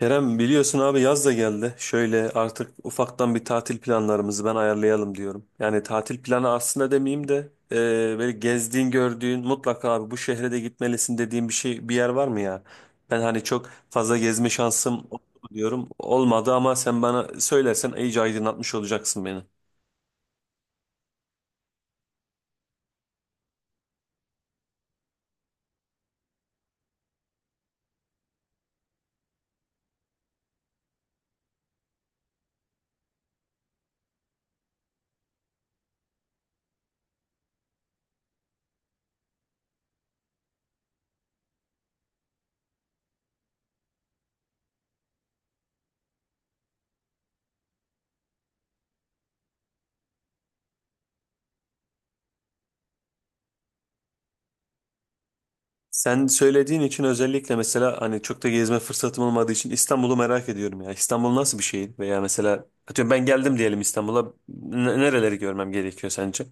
Kerem biliyorsun abi yaz da geldi. Şöyle artık ufaktan bir tatil planlarımızı ben ayarlayalım diyorum. Yani tatil planı aslında demeyeyim de e, böyle gezdiğin gördüğün mutlaka abi bu şehre de gitmelisin dediğin bir şey bir yer var mı ya? Ben hani çok fazla gezme şansım oldu mu diyorum. Olmadı ama sen bana söylersen iyice aydınlatmış olacaksın beni. Sen söylediğin için özellikle mesela hani çok da gezme fırsatım olmadığı için İstanbul'u merak ediyorum ya. İstanbul nasıl bir şehir? Veya mesela atıyorum ben geldim diyelim İstanbul'a. Nereleri görmem gerekiyor sence?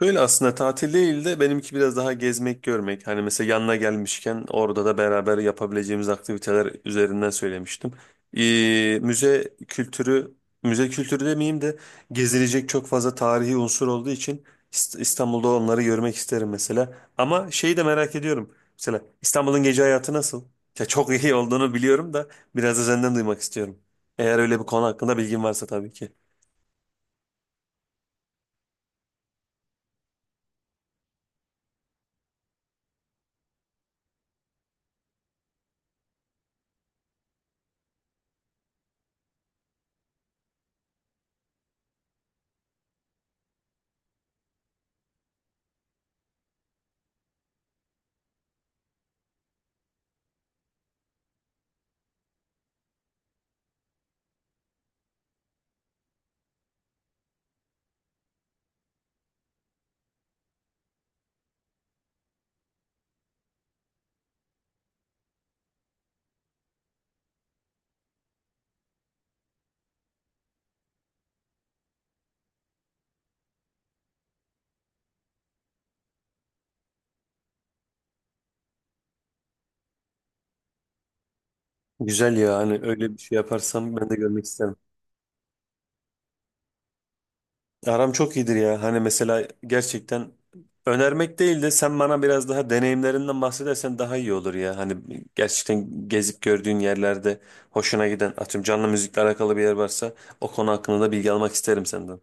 Böyle aslında tatil değil de benimki biraz daha gezmek, görmek. Hani mesela yanına gelmişken orada da beraber yapabileceğimiz aktiviteler üzerinden söylemiştim. Müze kültürü, demeyeyim de gezilecek çok fazla tarihi unsur olduğu için İstanbul'da onları görmek isterim mesela. Ama şeyi de merak ediyorum. Mesela İstanbul'un gece hayatı nasıl? Ya çok iyi olduğunu biliyorum da biraz da senden duymak istiyorum. Eğer öyle bir konu hakkında bilgin varsa tabii ki. Güzel ya hani öyle bir şey yaparsam ben de görmek isterim. Aram çok iyidir ya. Hani mesela gerçekten önermek değil de sen bana biraz daha deneyimlerinden bahsedersen daha iyi olur ya. Hani gerçekten gezip gördüğün yerlerde hoşuna giden atıyorum canlı müzikle alakalı bir yer varsa o konu hakkında da bilgi almak isterim senden.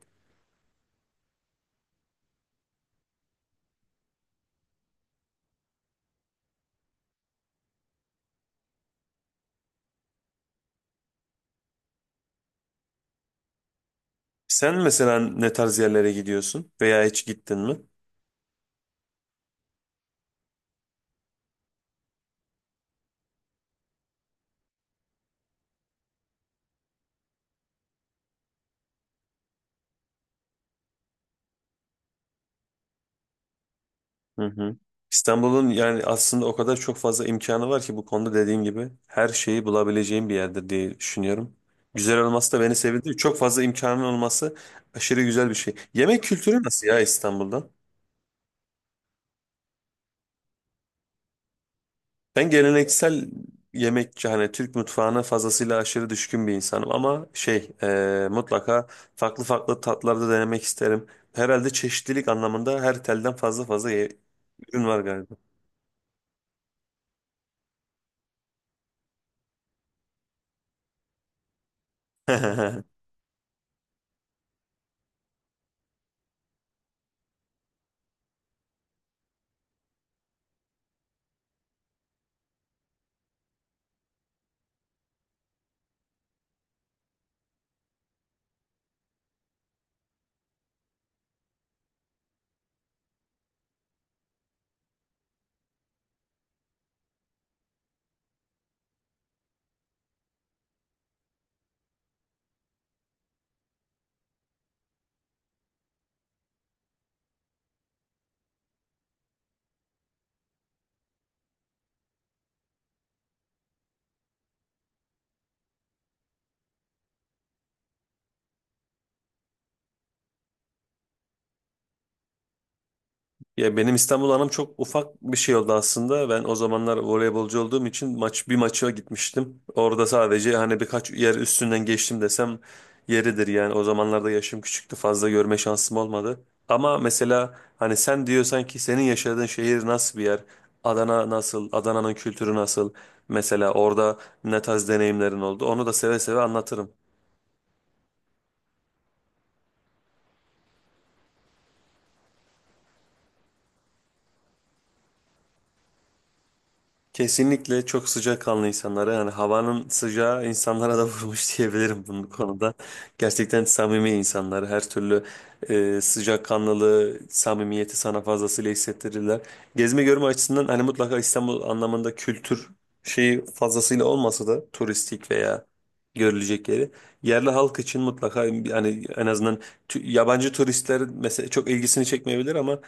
Sen mesela ne tarz yerlere gidiyorsun veya hiç gittin mi? Hı hı. İstanbul'un yani aslında o kadar çok fazla imkanı var ki bu konuda dediğim gibi her şeyi bulabileceğim bir yerdir diye düşünüyorum. Güzel olması da beni sevindi. Çok fazla imkanın olması aşırı güzel bir şey. Yemek kültürü nasıl ya İstanbul'da? Ben geleneksel yemekçi hani Türk mutfağına fazlasıyla aşırı düşkün bir insanım ama şey mutlaka farklı farklı tatlarda denemek isterim. Herhalde çeşitlilik anlamında her telden fazla fazla ürün var galiba. Ya benim İstanbul anım çok ufak bir şey oldu aslında. Ben o zamanlar voleybolcu olduğum için bir maça gitmiştim. Orada sadece hani birkaç yer üstünden geçtim desem yeridir yani. O zamanlarda yaşım küçüktü. Fazla görme şansım olmadı. Ama mesela hani sen diyorsan ki senin yaşadığın şehir nasıl bir yer? Adana nasıl? Adana'nın kültürü nasıl? Mesela orada ne tarz deneyimlerin oldu? Onu da seve seve anlatırım. Kesinlikle çok sıcakkanlı insanlara yani havanın sıcağı insanlara da vurmuş diyebilirim bu konuda. Gerçekten samimi insanlar her türlü sıcakkanlılığı, samimiyeti sana fazlasıyla hissettirirler. Gezme görme açısından hani mutlaka İstanbul anlamında kültür şeyi fazlasıyla olmasa da turistik veya görülecek yeri yerli halk için mutlaka yani en azından yabancı turistler mesela çok ilgisini çekmeyebilir ama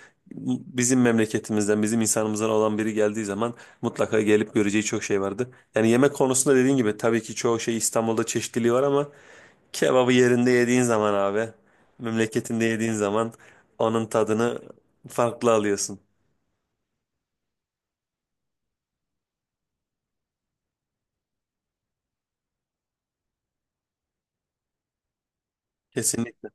bizim memleketimizden, bizim insanımızdan olan biri geldiği zaman mutlaka gelip göreceği çok şey vardı. Yani yemek konusunda dediğin gibi tabii ki çoğu şey İstanbul'da çeşitliliği var ama kebabı yerinde yediğin zaman abi, memleketinde yediğin zaman onun tadını farklı alıyorsun. Kesinlikle.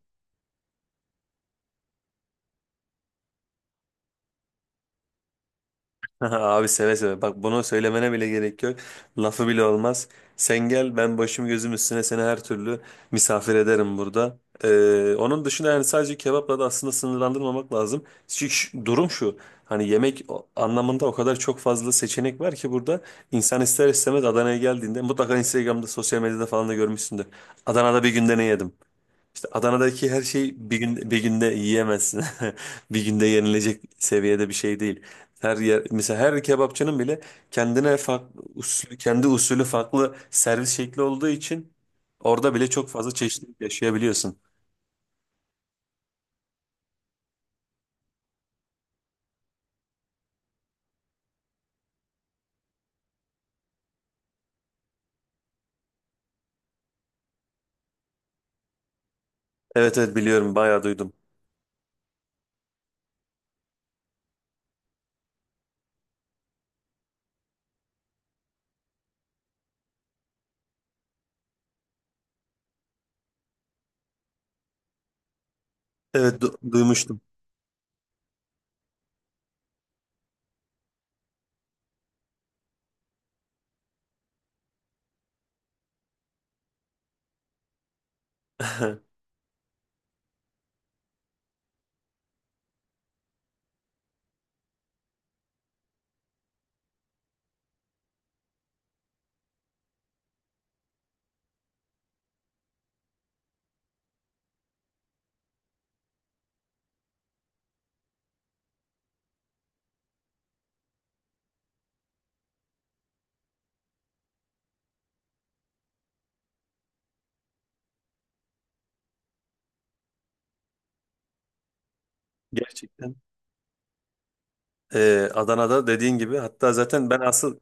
Abi seve seve. Bak bunu söylemene bile gerek yok. Lafı bile olmaz. Sen gel ben başım gözüm üstüne seni her türlü misafir ederim burada. Onun dışında yani sadece kebapla da aslında sınırlandırmamak lazım. Çünkü durum şu. Hani yemek anlamında o kadar çok fazla seçenek var ki burada. İnsan ister istemez Adana'ya geldiğinde mutlaka Instagram'da sosyal medyada falan da görmüşsündür. Adana'da bir günde ne yedim? İşte Adana'daki her şey bir günde yiyemezsin. Bir günde yenilecek seviyede bir şey değil. Her yer mesela her kebapçının bile kendine farklı usulü, kendi usulü farklı servis şekli olduğu için orada bile çok fazla çeşitlilik yaşayabiliyorsun. Evet, biliyorum bayağı duydum. Evet duymuştum. Gerçekten. Adana'da dediğin gibi hatta zaten ben asıl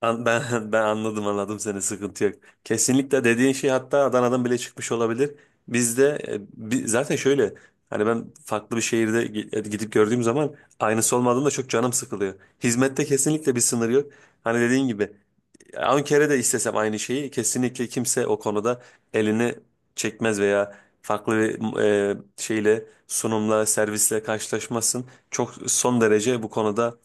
Ben ben anladım anladım seni, sıkıntı yok. Kesinlikle dediğin şey hatta Adana'dan bile çıkmış olabilir. Bizde zaten şöyle hani ben farklı bir şehirde gidip gördüğüm zaman aynısı olmadığında çok canım sıkılıyor. Hizmette kesinlikle bir sınır yok. Hani dediğin gibi 10 kere de istesem aynı şeyi kesinlikle kimse o konuda elini çekmez veya farklı bir şeyle sunumla servisle karşılaşmasın. Çok son derece bu konuda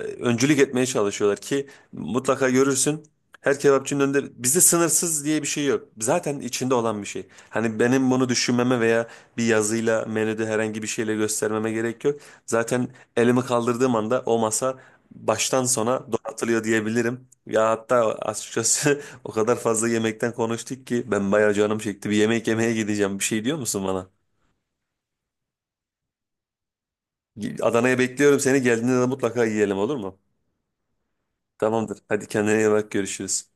öncülük etmeye çalışıyorlar ki mutlaka görürsün. Her kebapçının önünde bizde sınırsız diye bir şey yok. Zaten içinde olan bir şey. Hani benim bunu düşünmeme veya bir yazıyla menüde herhangi bir şeyle göstermeme gerek yok. Zaten elimi kaldırdığım anda o masa baştan sona donatılıyor diyebilirim. Ya hatta açıkçası o kadar fazla yemekten konuştuk ki ben bayağı canım çekti. Bir yemek yemeye gideceğim. Bir şey diyor musun bana? Adana'ya bekliyorum seni. Geldiğinde de mutlaka yiyelim, olur mu? Tamamdır. Hadi kendine iyi bak, görüşürüz.